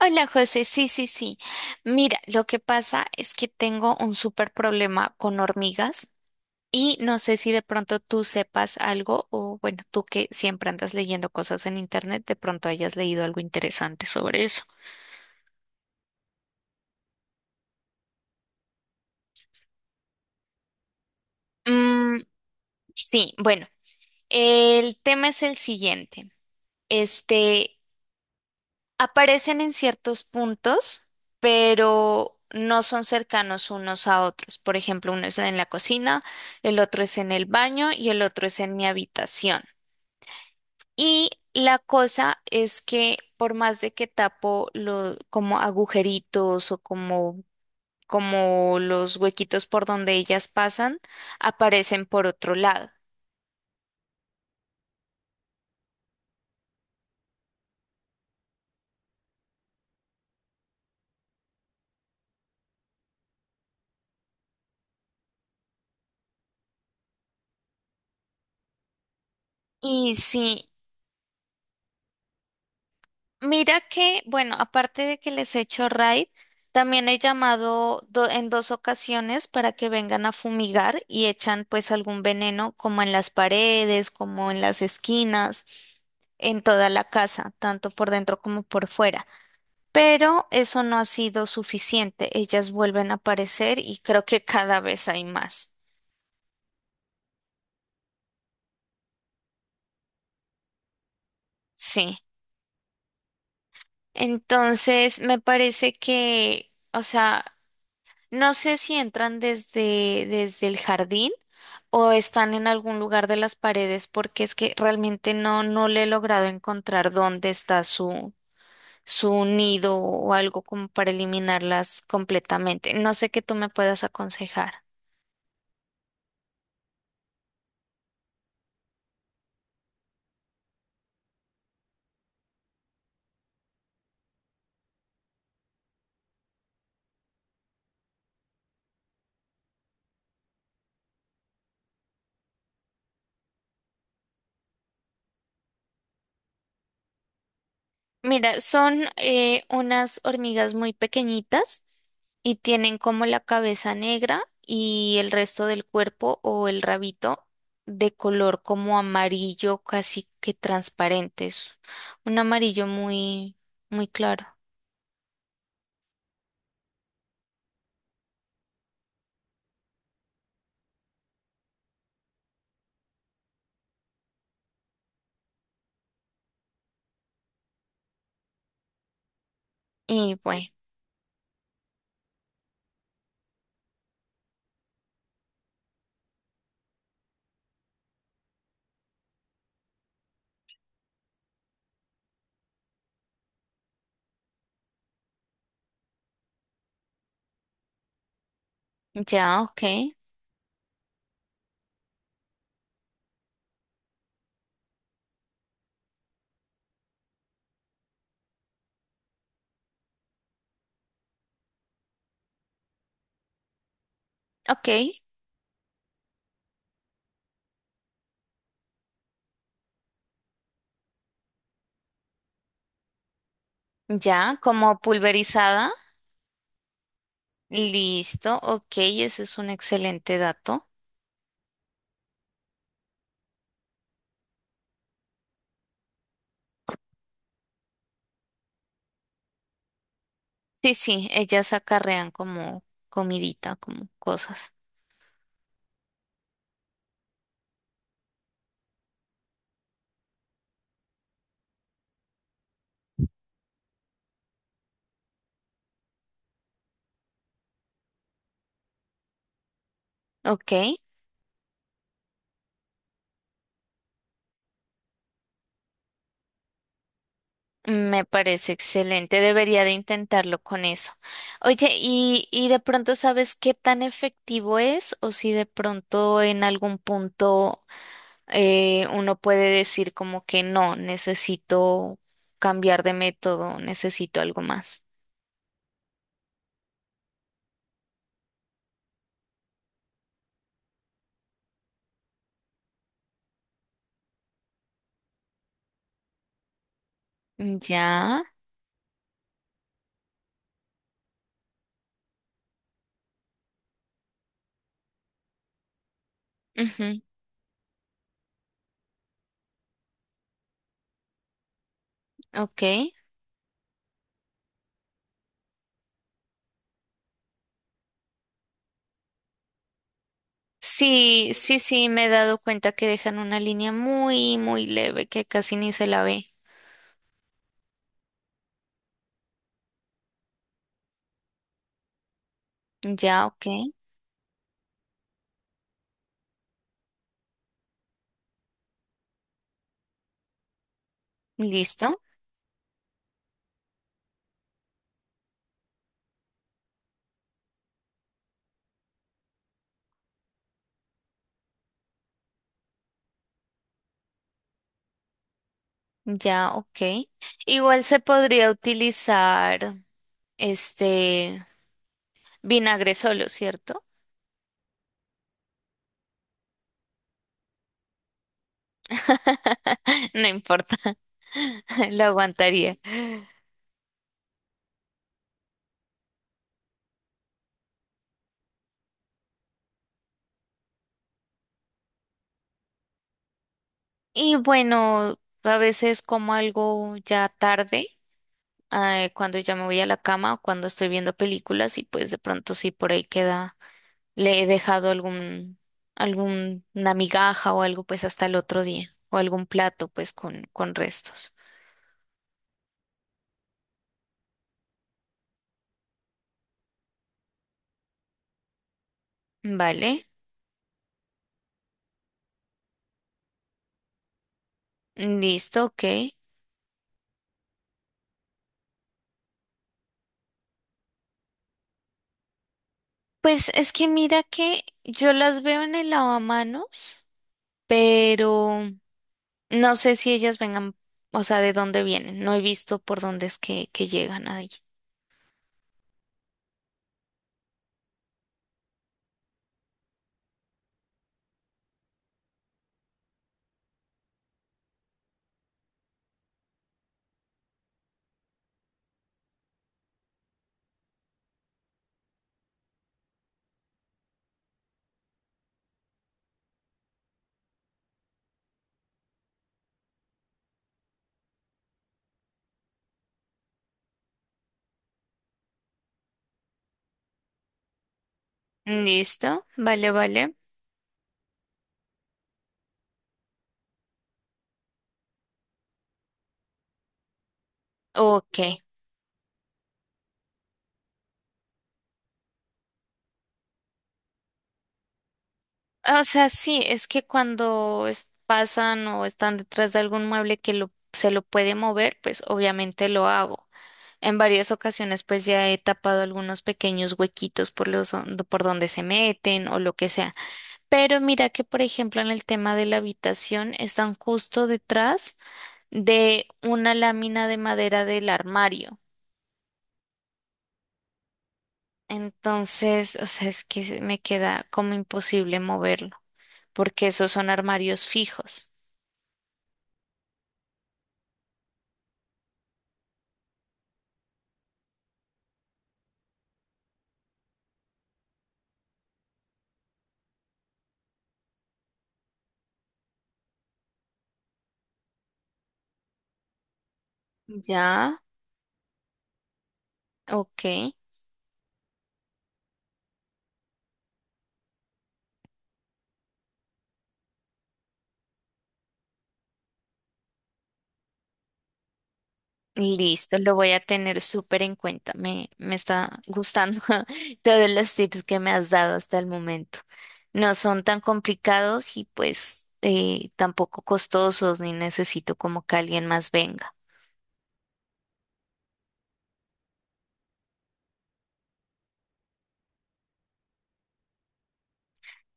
Hola José, sí, sí, sí. Mira, lo que pasa es que tengo un súper problema con hormigas y no sé si de pronto tú sepas algo o bueno, tú que siempre andas leyendo cosas en internet, de pronto hayas leído algo interesante sobre eso. Mm, sí, bueno, el tema es el siguiente. Este, Aparecen en ciertos puntos, pero no son cercanos unos a otros. Por ejemplo, uno es en la cocina, el otro es en el baño y el otro es en mi habitación. Y la cosa es que por más de que tapo lo, como agujeritos o como, como los huequitos por donde ellas pasan, aparecen por otro lado. Y sí, mira que, bueno, aparte de que les he hecho raid, también he llamado en 2 ocasiones para que vengan a fumigar y echan pues algún veneno como en las paredes, como en las esquinas, en toda la casa, tanto por dentro como por fuera. Pero eso no ha sido suficiente. Ellas vuelven a aparecer y creo que cada vez hay más. Sí. Entonces, me parece que, o sea, no sé si entran desde el jardín o están en algún lugar de las paredes, porque es que realmente no, no le he logrado encontrar dónde está su, su nido o algo como para eliminarlas completamente. No sé qué tú me puedas aconsejar. Mira, son unas hormigas muy pequeñitas y tienen como la cabeza negra y el resto del cuerpo o el rabito de color como amarillo, casi que transparente. Es un amarillo muy, muy claro. Y bueno, ya, ok, ok, ya, como pulverizada. Listo, ok, eso es un excelente dato. Sí, sí, ellas acarrean como comidita, como cosas. Ok. Me parece excelente, debería de intentarlo con eso. Oye, y de pronto sabes qué tan efectivo es o si de pronto en algún punto uno puede decir como que no, necesito cambiar de método, necesito algo más? Ya, ujú, ok. Sí, sí, sí, me he dado cuenta que dejan una línea muy, muy leve que casi ni se la ve. Ya, ok, listo. Ya, ok. Igual se podría utilizar este vinagre solo, ¿cierto? No importa, lo aguantaría. Y bueno, a veces como algo ya tarde, cuando ya me voy a la cama o cuando estoy viendo películas y pues de pronto sí por ahí queda, le he dejado algún, alguna migaja o algo pues hasta el otro día o algún plato pues con restos. Vale. Listo, ok. Pues es que mira que yo las veo en el lavamanos, pero no sé si ellas vengan, o sea, de dónde vienen. No he visto por dónde es que llegan ahí. Listo, vale, vale. Ok. O sea, sí, es que cuando pasan o están detrás de algún mueble que lo, se lo puede mover, pues obviamente lo hago. En varias ocasiones pues ya he tapado algunos pequeños huequitos por los, por donde se meten o lo que sea. Pero mira que, por ejemplo, en el tema de la habitación están justo detrás de una lámina de madera del armario. Entonces, o sea, es que me queda como imposible moverlo, porque esos son armarios fijos. Ya, ok. Listo, lo voy a tener súper en cuenta. Me está gustando todos los tips que me has dado hasta el momento. No son tan complicados y pues tampoco costosos, ni necesito como que alguien más venga.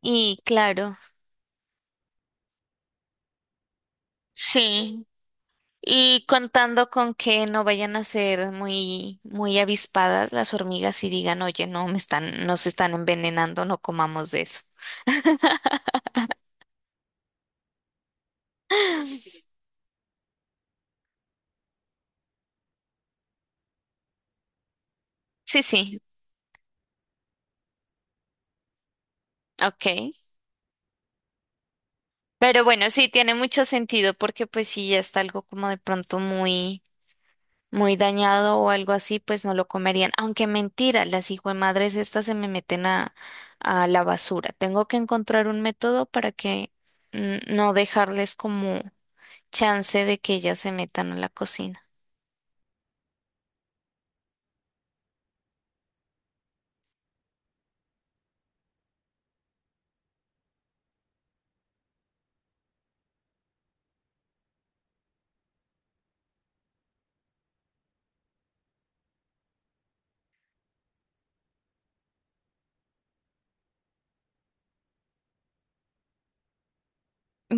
Y claro, sí. Y contando con que no vayan a ser muy, muy avispadas las hormigas y digan, oye, no, me están, nos están envenenando, no comamos de eso. Sí, sí, ok. Pero bueno, sí, tiene mucho sentido porque pues si ya está algo como de pronto muy, muy dañado o algo así, pues no lo comerían. Aunque mentira, las madres estas se me meten a la basura. Tengo que encontrar un método para que no dejarles como chance de que ellas se metan a la cocina.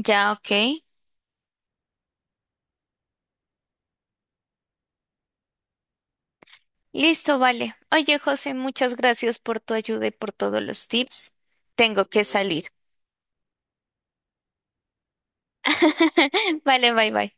Ya, ok. Listo, vale. Oye, José, muchas gracias por tu ayuda y por todos los tips. Tengo que salir. Vale, bye bye.